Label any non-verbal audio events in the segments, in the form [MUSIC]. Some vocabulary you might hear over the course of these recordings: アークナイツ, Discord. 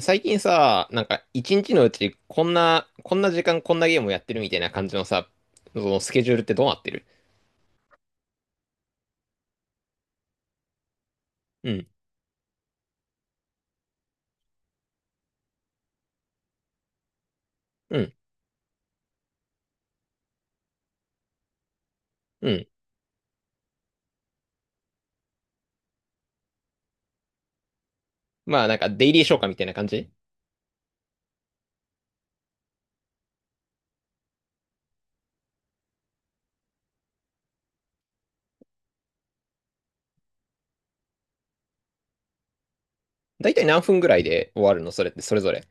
最近さ、なんか一日のうちこんな、こんな時間こんなゲームをやってるみたいな感じのさ、そのスケジュールってどうなってる？うん、うん、うん。まあなんかデイリー消化みたいな感じ。だいたい何分ぐらいで終わるの、それってそれぞれ？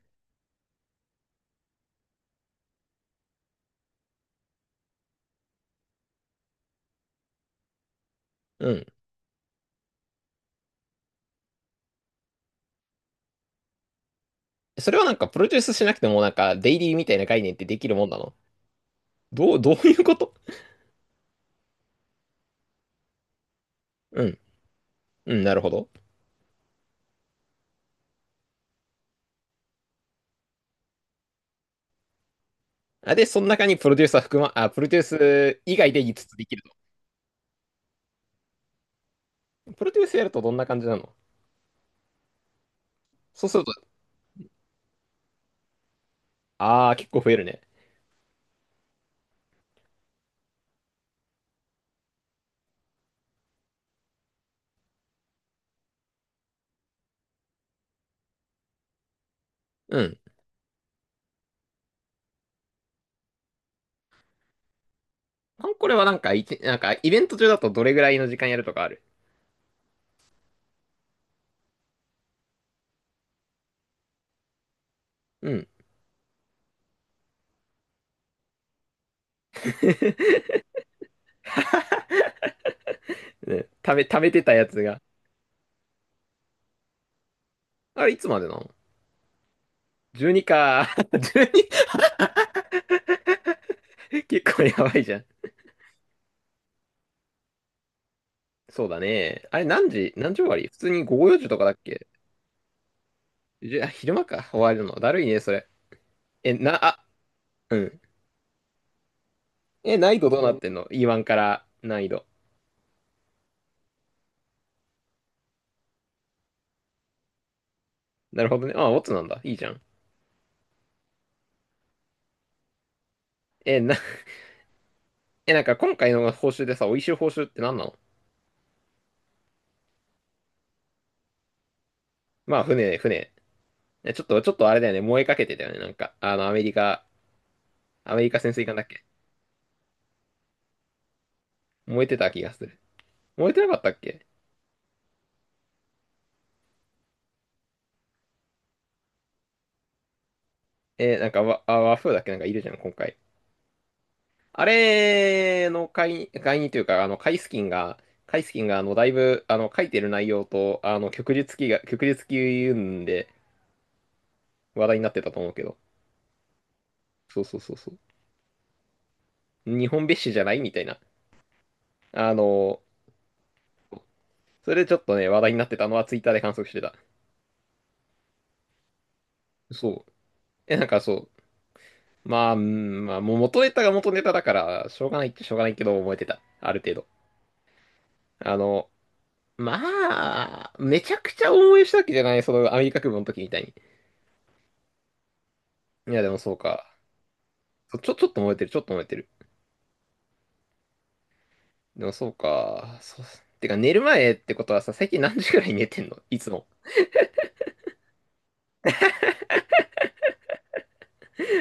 うん。それはなんかプロデュースしなくてもなんかデイリーみたいな概念ってできるもんなの？どういうこと？うん、うん、なるほど。あ、で、その中にプロデュース以外で5つつできると。プロデュースやるとどんな感じなの？そうすると、あー、結構増えるね。うん。あんこれはなんか、なんか、イベント中だとどれぐらいの時間やるとかある？うん。[LAUGHS] ね、食べてたやつが。あれ、いつまでなの？ 12 か。[LAUGHS] 12？ 結構やばいじゃん。そうだね。あれ、何時何時終わり、普通に午後4時とかだっけ？じゅあ、昼間か。終わるの。だるいね、それ。え、な、あ、うん。え、難易度どうなってんの？ E1 から難易度。なるほどね。あ、オッツなんだ。いいじゃん。え、な、え、なんか今回の報酬でさ、美味しい報酬って何なの？まあ、船、船。えちょっと、ちょっとあれだよね。燃えかけてたよね。なんか、アメリカ潜水艦だっけ？燃えてた気がする。燃えてなかったっけ？なんか、和風だっけ、なんかいるじゃん、今回。あれの会員というか、カイスキンが、だいぶ、書いてる内容と、旭日記、うん、で話題になってたと思うけど。そうそうそうそう。日本別紙じゃないみたいな。あの、それでちょっとね、話題になってたのはツイッターで観測してた。そう。え、なんかそう。まあ、うん、まあ、もう元ネタが元ネタだから、しょうがないっちゃしょうがないけど、覚えてた。ある程度。あの、まあ、めちゃくちゃ応援したわけじゃない、そのアメリカ空母の時みたいに。いや、でもそうか。ちょっと燃えてる、ちょっと燃えてる。でもそうか。そう、てか寝る前ってことはさ、最近何時ぐらいに寝てんのいつも？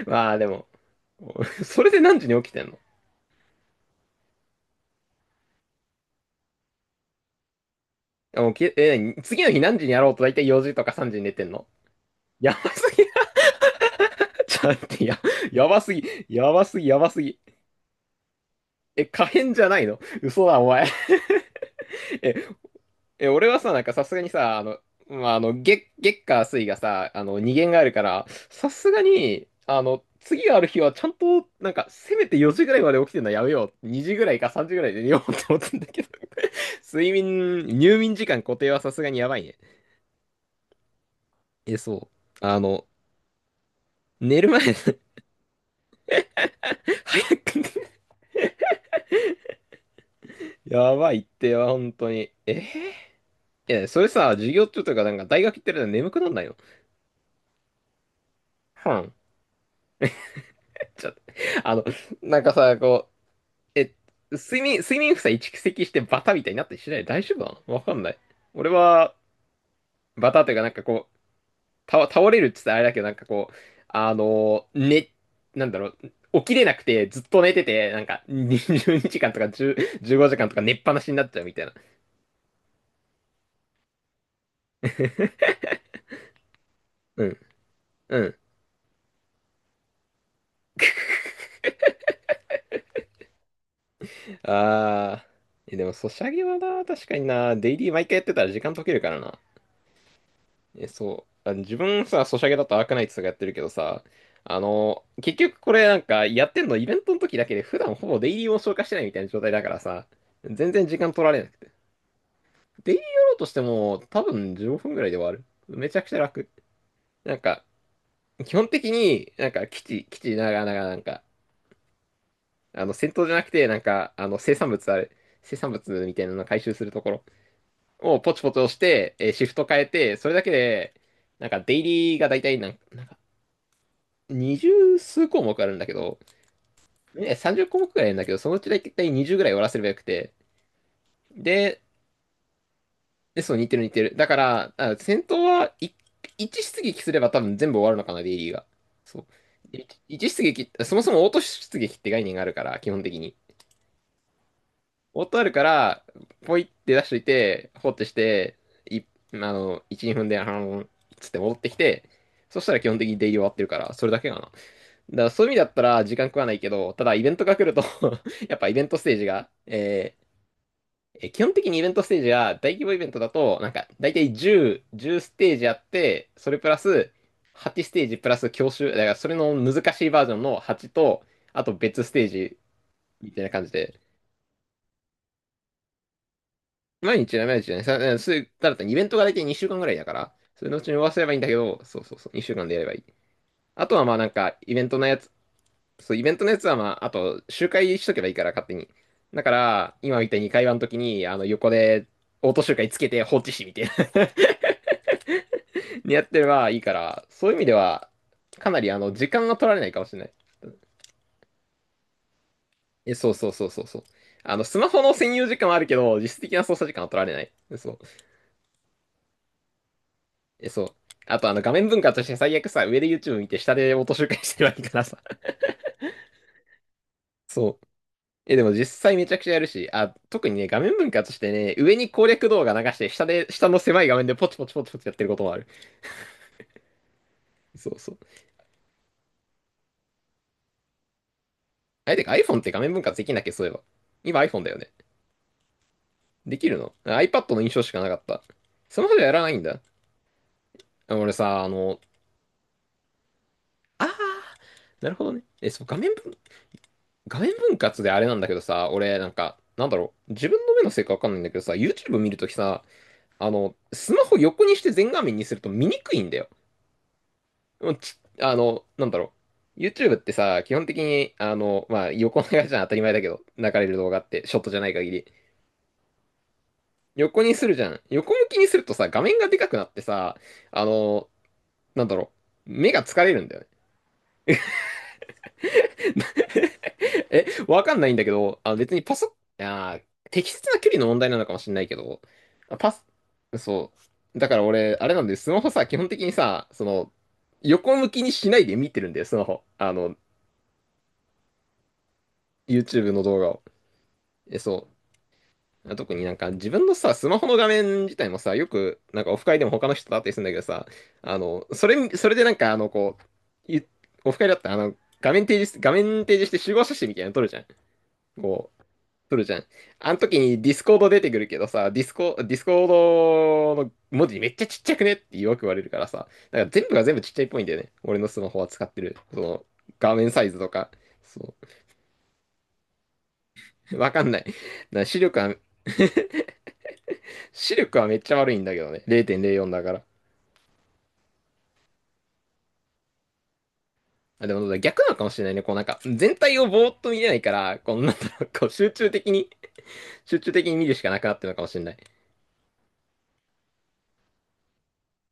まあでも、[LAUGHS] それで何時に起きてんの？あもうきえ、次の日、何時にやろうと大体4時とか3時に寝てんの？やばすぎ。[LAUGHS] ちょっと待って、やばすぎ。やばすぎ、やばすぎ。え、可変じゃないの？嘘だ、お前。[LAUGHS] ええ、俺はさ、なんかさすがにさ、まあ、月火水がさ、二限があるから、さすがに、次がある日はちゃんと、なんか、せめて4時ぐらいまで起きてるのはやめよう。2時ぐらいか3時ぐらいで寝ようって思ったんだけど。[LAUGHS] 入眠時間固定はさすがにやばいね。え、そう。寝る前、[LAUGHS] 早く寝る。やばいってよ本当に。いや、それさ、授業中とか、なんか、大学行ってるの眠くなんないの？はん。ちょっと、あの、なんかさ、こう、え、睡眠負債蓄積してバタみたいになったりしない？大丈夫なの？わかんない。俺は、バタというかなんかこう、倒れるって言ったらあれだけど、なんかこう、ね、なんだろう、起きれなくてずっと寝てて、なんか20時間とか10、 15時間とか寝っぱなしになっちゃうみたいな。[LAUGHS] うん、うん。あー。でも、ソシャゲはな、確かにな、デイリー毎回やってたら時間解けるからな。え、そう。自分さ、ソシャゲだとアークナイツとかやってるけどさ、結局これなんかやってんのイベントの時だけで普段ほぼデイリーを消化してないみたいな状態だからさ、全然時間取られなくて。デイリーやろうとしても多分15分ぐらいで終わる。めちゃくちゃ楽。なんか、基本的になんか基地ながらなんか、あの戦闘じゃなくてなんか、あの生産物ある。生産物みたいなの回収するところをポチポチ押して、シフト変えて、それだけで、なんかデイリーが大体なん20数項目あるんだけど、ね、30項目くらいあるんだけど、そのうちだいたい20ぐらい終わらせればよくて。で、そう、似てる似てる。だから、戦闘は1、一出撃すれば多分全部終わるのかな、デイリーが。そう。一出撃って、そもそもオート出撃って概念があるから、基本的に。オートあるから、ポイって出しといて、放ってして、い、あの、1、2分で、つって戻ってきて、そしたら基本的にデイリー終わってるから、それだけかな。だからそういう意味だったら時間食わないけど、ただイベントが来ると [LAUGHS] やっぱイベントステージが、えーえー基本的にイベントステージが大規模イベントだと、なんか大体10ステージあって、それプラス8ステージプラス教習、だからそれの難しいバージョンの8と、あと別ステージみたいな感じで、毎日ね、毎日ね、さそういうただイベントが大体2週間ぐらいだから、それのうちに終わらせればいいんだけど、そうそうそう、2週間でやればいい。あとはまあなんかイベントのやつは、まあ、あと、周回しとけばいいから、勝手に。だから、今みたいに会話の時に、横で、オート周回つけて放置しみたいな [LAUGHS] にやってればいいから、そういう意味では、かなり、時間が取られないかもしれない。え、そうそうそうそうそう。スマホの専用時間はあるけど、実質的な操作時間は取られない。そう。え、そう。あと、画面分割として最悪さ、上で YouTube 見て、下でオート周回してればいいからさ。そう。え、でも実際めちゃくちゃやるし、特にね、画面分割してね、上に攻略動画流して、下の狭い画面でポチポチポチポチやってることもある。そうそう。あれ、てか iPhone って画面分割できんだっけ、そういえば。今 iPhone だよね。できるの？ iPad の印象しかなかった。スマホではやらないんだ。あ俺さ、あの、あー、なるほどね。え、そう、画面分割であれなんだけどさ、俺、なんか、なんだろう、自分の目のせいかわかんないんだけどさ、YouTube 見るときさ、スマホ横にして全画面にすると見にくいんだよ。もうち、あの、なんだろう。YouTube ってさ、基本的に、まあ、横長じゃん、当たり前だけど、流れる動画って、ショットじゃない限り。横にするじゃん。横向きにするとさ、画面がでかくなってさ、あの、なんだろう。目が疲れるんだよね。[LAUGHS] わかんないんだけど、あの別にパソ、あー、適切な距離の問題なのかもしれないけど、あパス、そう。だから俺、あれなんで、スマホさ、基本的にさ、その、横向きにしないで見てるんだよ、スマホ。YouTube の動画を。え、そう。特になんか自分のさ、スマホの画面自体もさ、よくなんかオフ会でも他の人と会ったりするんだけどさ、それでなんかこう、オフ会だったら画面提示して集合写真みたいなの撮るじゃん。こう、撮るじゃん。あの時にディスコード出てくるけどさ、ディスコードの文字めっちゃちっちゃくねってよく言われるからさ、だから全部が全部ちっちゃいっぽいんだよね。俺のスマホは使ってる。その、画面サイズとか。そう。わかんない。な視力は [LAUGHS] 視力はめっちゃ悪いんだけどね。0.04だから。あ、でも逆なのかもしれないね。こうなんか、全体をぼーっと見れないから、こうなんだろう、こう集中的に見るしかなくなってるのかもしれない。